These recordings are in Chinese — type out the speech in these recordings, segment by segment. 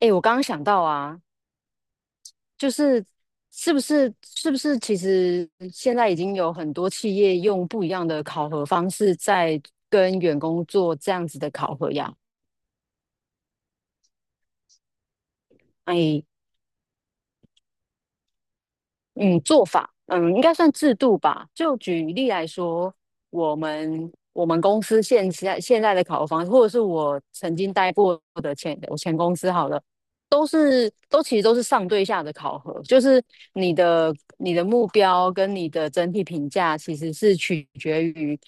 哎，我刚刚想到啊，就是是不是，其实现在已经有很多企业用不一样的考核方式在跟员工做这样子的考核呀？哎，嗯，做法，应该算制度吧。就举例来说，我们公司现在的考核方式，或者是我曾经待过的我前公司好了，都是都其实都是上对下的考核，就是你的你的目标跟你的整体评价其实是取决于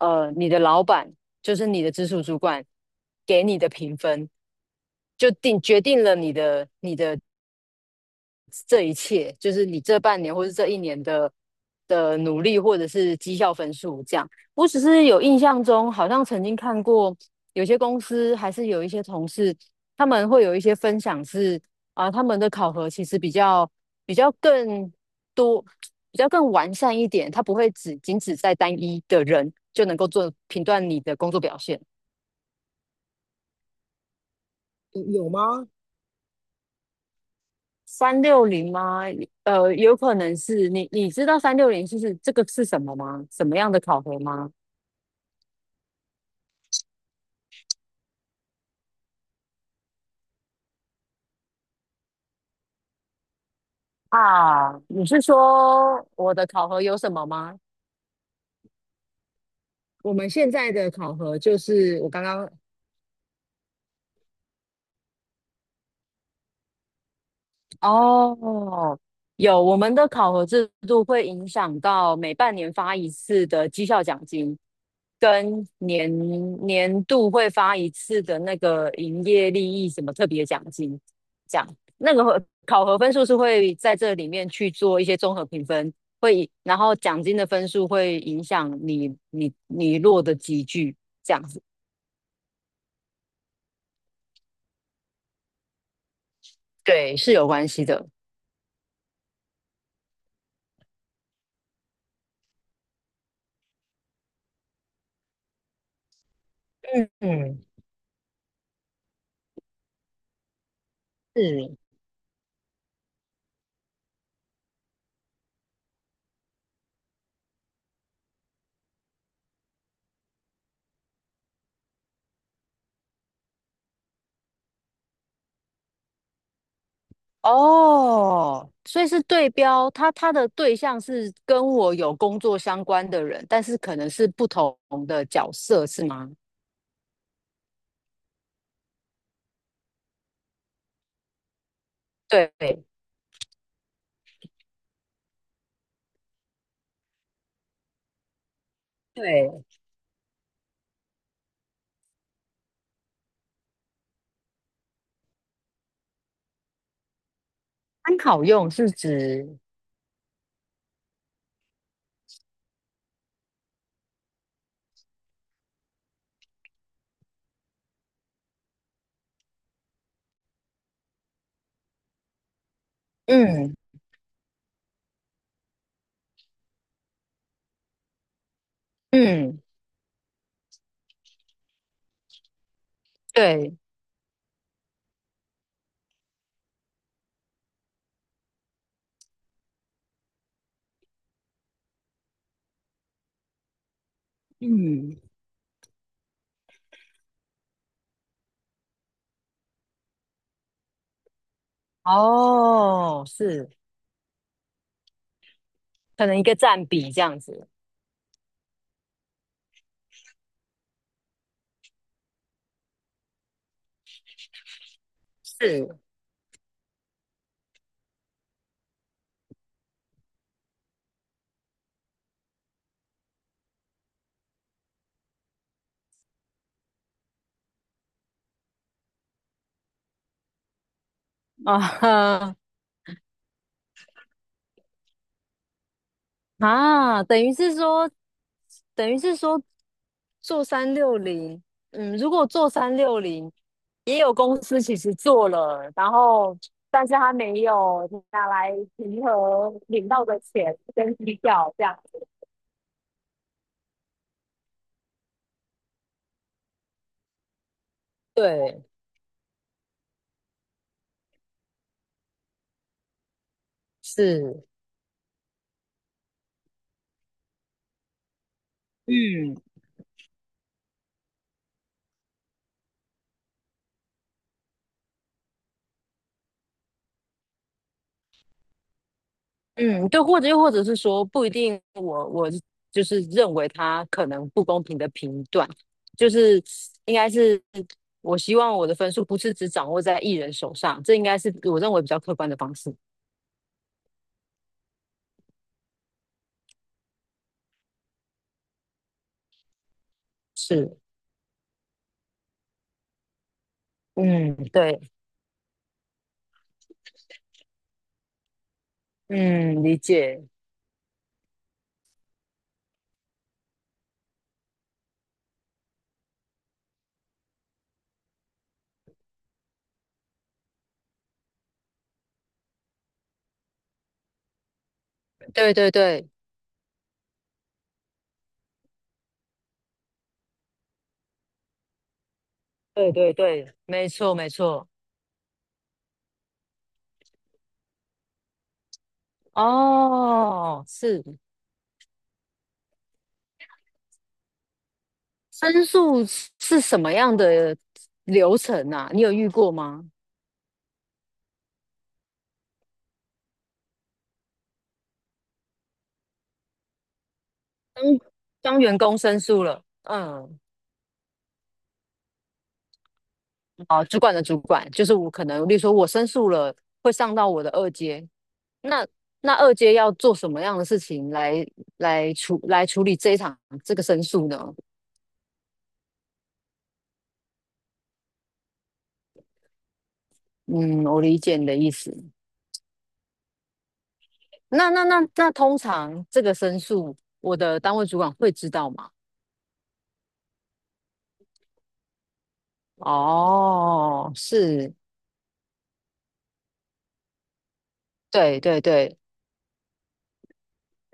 你的老板，就是你的直属主管给你的评分，就决定了你的这一切，就是你这半年或是这一年的努力，或者是绩效分数这样。我只是有印象中，好像曾经看过有些公司还是有一些同事，他们会有一些分享是啊、他们的考核其实比较更多，比较更完善一点，它不会只在单一的人就能够做评断你的工作表现。有吗？三六零吗？有可能是你，你知道三六零就是这个是什么吗？什么样的考核吗？啊，你是说我的考核有什么吗？我们现在的考核就是我刚刚。哦，有，我们的考核制度会影响到每半年发一次的绩效奖金，跟年度会发一次的那个营业利益什么特别奖金，这样那个会考核分数是会在这里面去做一些综合评分，会以然后奖金的分数会影响你落的集聚，这样子，对，是有关系的。嗯嗯，是。哦，所以是对标，他的对象是跟我有工作相关的人，但是可能是不同的角色，是吗？对对，对，参考用是指，嗯嗯，对，嗯，哦，是，可能一个占比这样子，是 啊哈啊，等于是说。做三六零，嗯，如果做三六零，也有公司其实做了，然后但是他没有拿来平衡领到的钱跟绩效这样子。对，是，嗯嗯，对，或者又或者是说不一定我，我就是认为他可能不公平的评断，就是应该是我希望我的分数不是只掌握在艺人手上，这应该是我认为比较客观的方式。是。嗯，对。嗯，理解。对对对对对对，没错没错。哦，是，申诉是什么样的流程啊？你有遇过吗？当当员工申诉了，嗯，哦，主管的主管，就是我可能，例如说我申诉了，会上到我的二阶，那二阶要做什么样的事情来处理这一场这个申诉呢？嗯，我理解你的意思。那通常这个申诉，我的单位主管会知道吗？哦，是，对对对，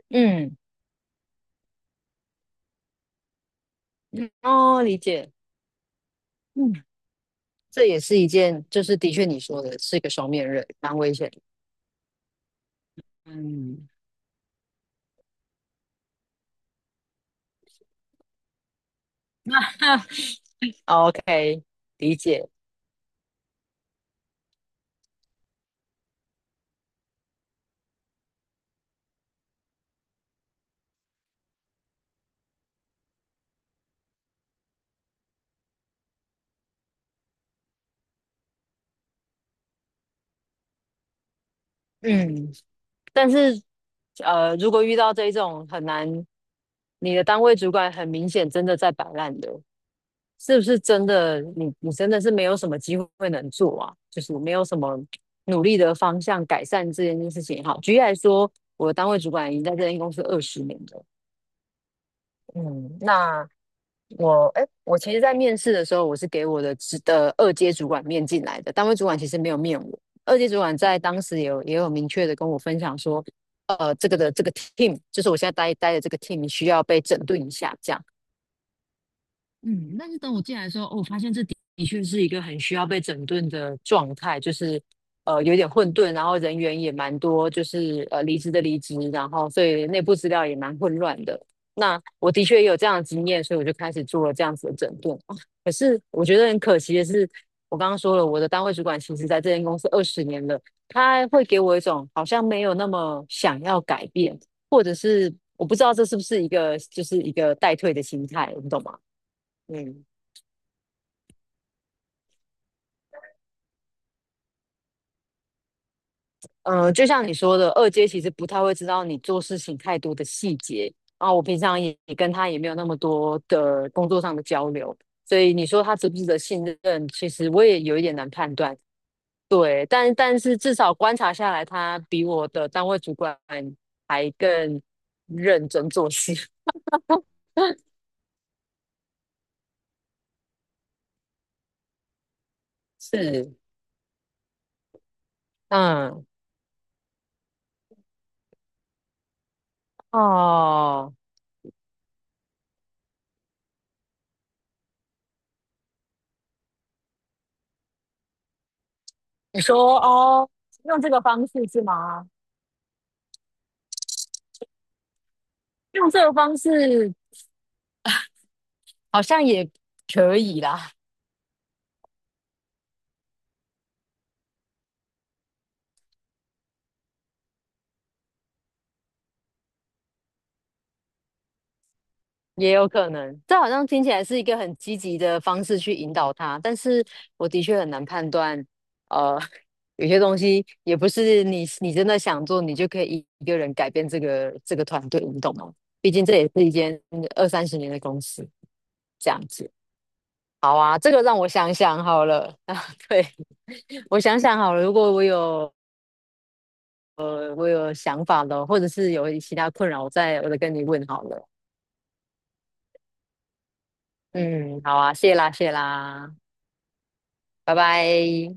嗯，嗯哦，理解，嗯，这也是一件，就是的确你说的是一个双面刃，蛮危险的，嗯 ，OK，理解，嗯，但是如果遇到这一种很难，你的单位主管很明显真的在摆烂的，是不是真的你真的是没有什么机会能做啊？就是没有什么努力的方向改善这件事情也好。举例来说，我的单位主管已经在这间公司二十年了，嗯，那我其实，在面试的时候，我是给我的直的二阶主管面进来的，单位主管其实没有面我，二阶主管在当时也有明确的跟我分享说，这个的这个 team，就是我现在待的这个 team 需要被整顿一下，这样。嗯，但是等我进来的时候，哦，我发现这的的确是一个很需要被整顿的状态，就是有点混沌，然后人员也蛮多，就是离职的离职，然后所以内部资料也蛮混乱的。那我的确也有这样的经验，所以我就开始做了这样子的整顿。哦，可是我觉得很可惜的是，我刚刚说了，我的单位主管其实在这间公司二十年了，他会给我一种好像没有那么想要改变，或者是我不知道这是不是一个就是一个待退的心态，你懂吗？嗯，就像你说的，二阶其实不太会知道你做事情太多的细节，然后我平常也也跟他也没有那么多的工作上的交流，所以你说他值不值得信任，其实我也有一点难判断。对，但是至少观察下来，他比我的单位主管还更认真做事。是，嗯，哦，你说哦，用这个方式是吗？用这个方式好像也可以啦。也有可能，这好像听起来是一个很积极的方式去引导他，但是我的确很难判断，呃，有些东西也不是你真的想做，你就可以一个人改变这个团队，你懂吗？毕竟这也是一间二三十年的公司，这样子。好啊，这个让我想想好了 啊，对，我想想好了，如果我有想法了，或者是有其他困扰，我再跟你问好了。嗯，好啊，谢啦谢啦，拜拜。